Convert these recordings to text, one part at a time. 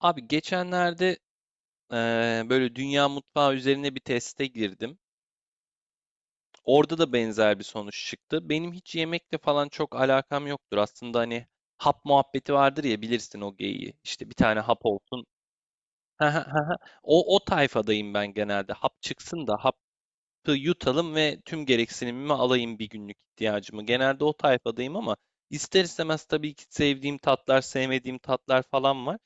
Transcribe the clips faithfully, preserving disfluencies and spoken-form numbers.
Abi geçenlerde eee, böyle dünya mutfağı üzerine bir teste girdim. Orada da benzer bir sonuç çıktı. Benim hiç yemekle falan çok alakam yoktur. Aslında hani hap muhabbeti vardır ya, bilirsin o geyiği. İşte bir tane hap olsun. O, o tayfadayım ben genelde. Hap çıksın da hapı yutalım ve tüm gereksinimimi alayım, bir günlük ihtiyacımı. Genelde o tayfadayım ama ister istemez tabii ki sevdiğim tatlar, sevmediğim tatlar falan var.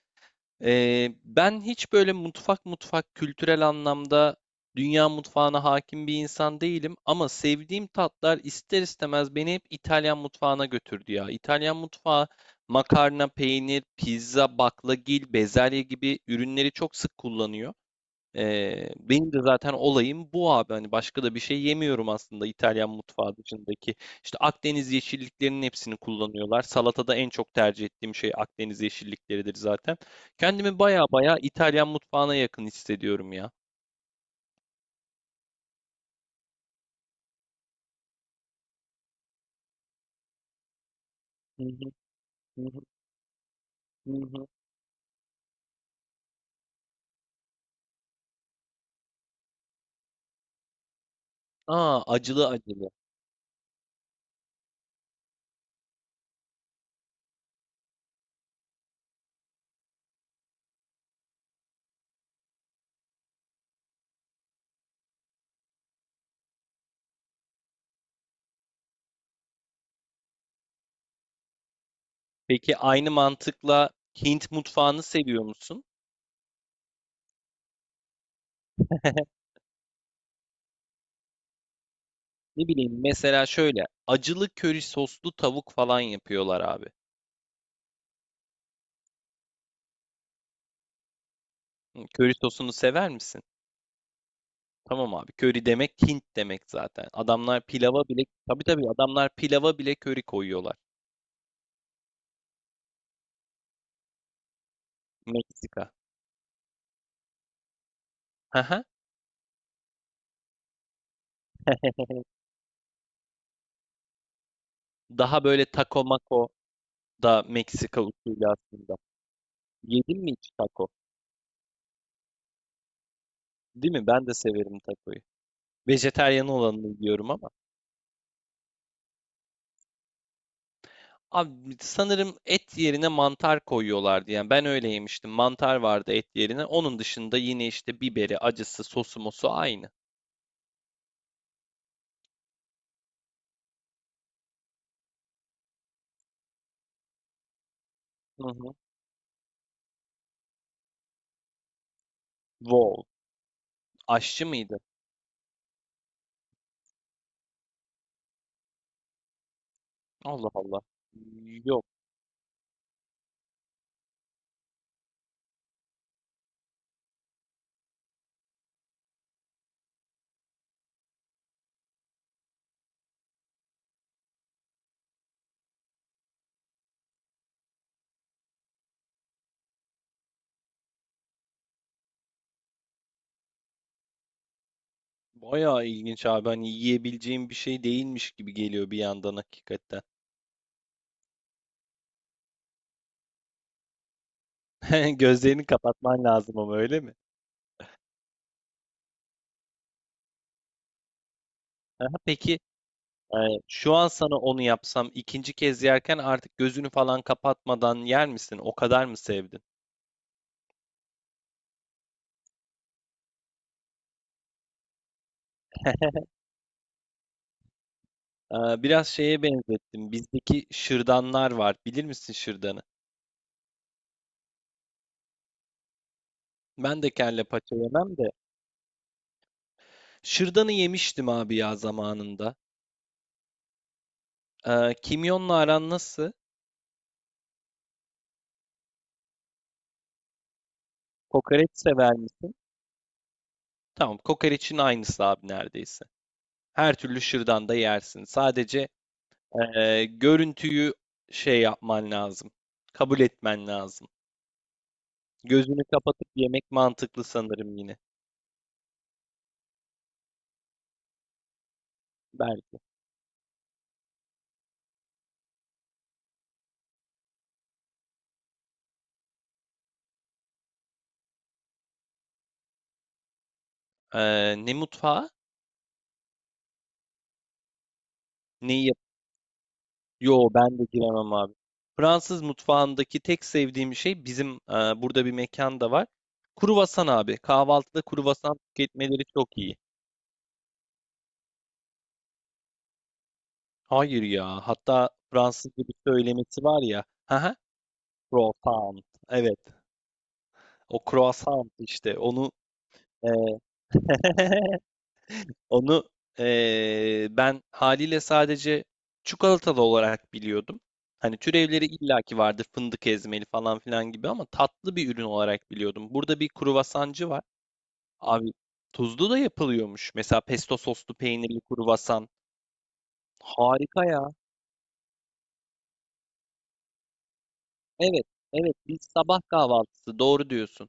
Ee, ben hiç böyle mutfak mutfak kültürel anlamda dünya mutfağına hakim bir insan değilim ama sevdiğim tatlar ister istemez beni hep İtalyan mutfağına götürdü ya. İtalyan mutfağı makarna, peynir, pizza, baklagil, bezelye gibi ürünleri çok sık kullanıyor. Eee, benim de zaten olayım bu abi. Hani başka da bir şey yemiyorum aslında İtalyan mutfağı dışındaki. İşte Akdeniz yeşilliklerinin hepsini kullanıyorlar. Salatada en çok tercih ettiğim şey Akdeniz yeşillikleridir zaten. Kendimi baya baya İtalyan mutfağına yakın hissediyorum ya. Hı hı, hı hı, hı hı. Aa, acılı acılı. Peki aynı mantıkla Hint mutfağını seviyor musun? Ne bileyim, mesela şöyle acılı köri soslu tavuk falan yapıyorlar abi. Hı, köri sosunu sever misin? Tamam abi. Köri demek Hint demek zaten. Adamlar pilava bile, tabii tabii adamlar pilava bile köri koyuyorlar. Meksika. Hı hı. Daha böyle taco mako da Meksika usulü aslında. Yedin mi hiç taco? Değil mi? Ben de severim tacoyu. Vejetaryen olanını yiyorum ama. Abi sanırım et yerine mantar koyuyorlardı. Yani ben öyle yemiştim. Mantar vardı et yerine. Onun dışında yine işte biberi, acısı, sosu mosu aynı. Hı hı. Wow. Aşçı mıydı? Allah Allah. Yok. Bayağı ilginç abi. Hani yiyebileceğim bir şey değilmiş gibi geliyor bir yandan hakikaten. Gözlerini kapatman lazım ama, öyle mi? Aha, peki. Eee, şu an sana onu yapsam, ikinci kez yerken artık gözünü falan kapatmadan yer misin? O kadar mı sevdin? Eee, biraz şeye benzettim. Bizdeki şırdanlar var. Bilir misin şırdanı? Ben de kelle paça yemem de. Şırdanı yemiştim abi ya zamanında. Eee, kimyonla aran nasıl? Kokoreç sever misin? Tamam, kokoreçin aynısı abi neredeyse. Her türlü şırdan da yersin. Sadece eee, görüntüyü şey yapman lazım. Kabul etmen lazım. Gözünü kapatıp yemek mantıklı sanırım yine. Belki. Ee, ne mutfağı? Neyi yap? Yo, ben de giremem abi. Fransız mutfağındaki tek sevdiğim şey bizim, e, burada bir mekan da var. Kruvasan abi. Kahvaltıda kruvasan tüketmeleri çok iyi. Hayır ya. Hatta Fransızca bir söylemesi var ya. Haha. Croissant. Evet. O croissant işte. Onu e, Onu eee, Ben haliyle sadece çikolatalı olarak biliyordum. Hani türevleri illaki vardı, fındık ezmeli falan filan gibi, ama tatlı bir ürün olarak biliyordum. Burada bir kruvasancı var. Abi tuzlu da yapılıyormuş. Mesela pesto soslu peynirli kruvasan. Harika ya. Evet, evet, biz sabah kahvaltısı, doğru diyorsun.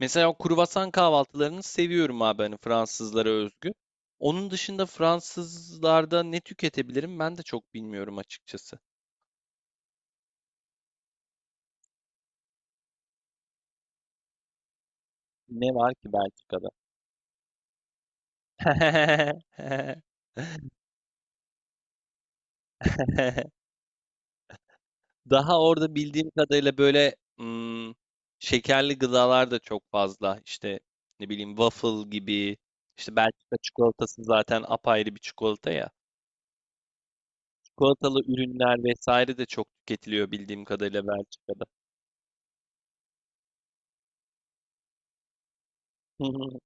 Mesela o kruvasan kahvaltılarını seviyorum abi, hani Fransızlara özgü. Onun dışında Fransızlarda ne tüketebilirim ben de çok bilmiyorum açıkçası. Ne var ki Belçika'da? Daha orada bildiğim kadarıyla böyle, hmm, şekerli gıdalar da çok fazla. İşte ne bileyim, waffle gibi. İşte Belçika çikolatası zaten apayrı bir çikolata ya. Çikolatalı ürünler vesaire de çok tüketiliyor bildiğim kadarıyla Belçika'da. Hı hı.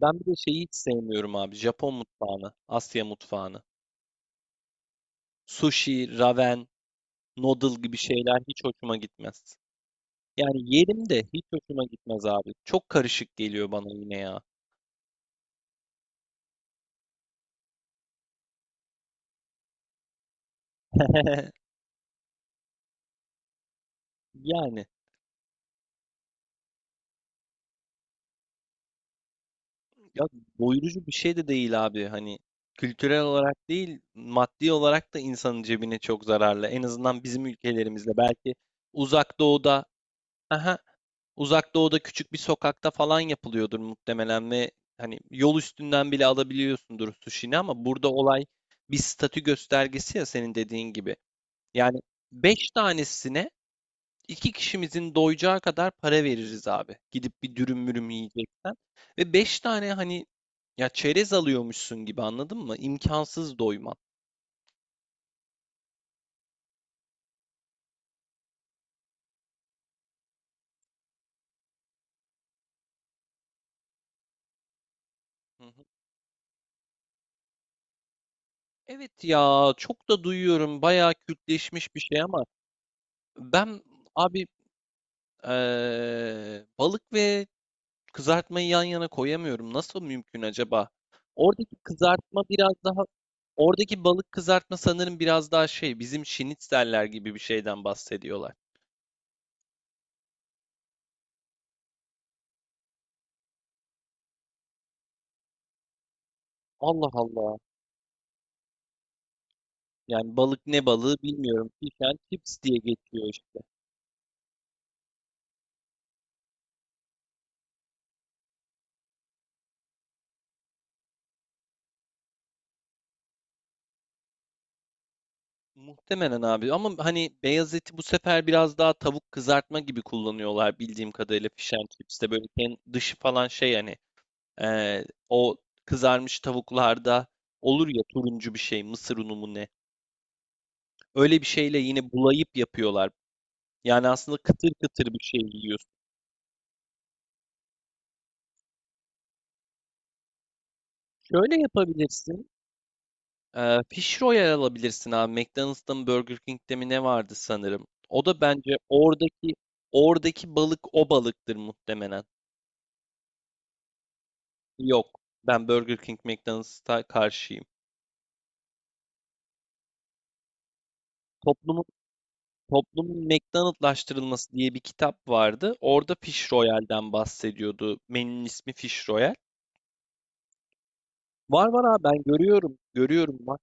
Ben bir de şeyi hiç sevmiyorum abi. Japon mutfağını, Asya mutfağını. Sushi, ramen, noodle gibi şeyler hiç hoşuma gitmez. Yani yerim de hiç hoşuma gitmez abi. Çok karışık geliyor bana yine ya. Yani ya, doyurucu bir şey de değil abi. Hani kültürel olarak değil, maddi olarak da insanın cebine çok zararlı. En azından bizim ülkelerimizde belki. Uzak doğuda, aha, uzak doğuda küçük bir sokakta falan yapılıyordur muhtemelen ve hani yol üstünden bile alabiliyorsundur sushi'ni, ama burada olay bir statü göstergesi ya, senin dediğin gibi. Yani beş tanesine İki kişimizin doyacağı kadar para veririz abi. Gidip bir dürüm mürüm yiyeceksen. Ve beş tane, hani ya çerez alıyormuşsun gibi, anladın mı? İmkansız doyman. Hı hı. Evet ya, çok da duyuyorum, bayağı kültleşmiş bir şey ama ben abi eee, balık ve kızartmayı yan yana koyamıyorum. Nasıl mümkün acaba? Oradaki kızartma biraz daha, oradaki balık kızartma sanırım biraz daha şey, bizim şinitzeller gibi bir şeyden bahsediyorlar. Allah Allah. Yani balık, ne balığı bilmiyorum. Fish and chips diye geçiyor işte. Muhtemelen abi ama hani beyaz eti bu sefer biraz daha tavuk kızartma gibi kullanıyorlar bildiğim kadarıyla, fish and chips'te böyle ken- dışı falan şey, hani eee, o kızarmış tavuklarda olur ya, turuncu bir şey, mısır unu mu ne, öyle bir şeyle yine bulayıp yapıyorlar. Yani aslında kıtır kıtır bir şey yiyorsun. Şöyle yapabilirsin. Eee Fish Royal alabilirsin abi. McDonald's'ta mı, Burger King'de mi ne vardı sanırım. O da bence oradaki, oradaki balık o balıktır muhtemelen. Yok. Ben Burger King McDonald's'a karşıyım. Toplumun toplumun McDonald'laştırılması diye bir kitap vardı. Orada Fish Royal'den bahsediyordu. Menünün ismi Fish Royal. Var var abi, ben görüyorum. Görüyorum bak.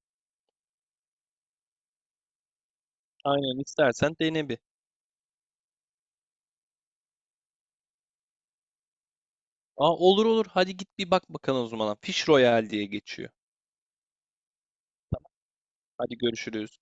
Aynen, istersen dene bir. Aa, olur olur. Hadi git bir bak bakalım o zaman. Fish Royale diye geçiyor. Hadi görüşürüz.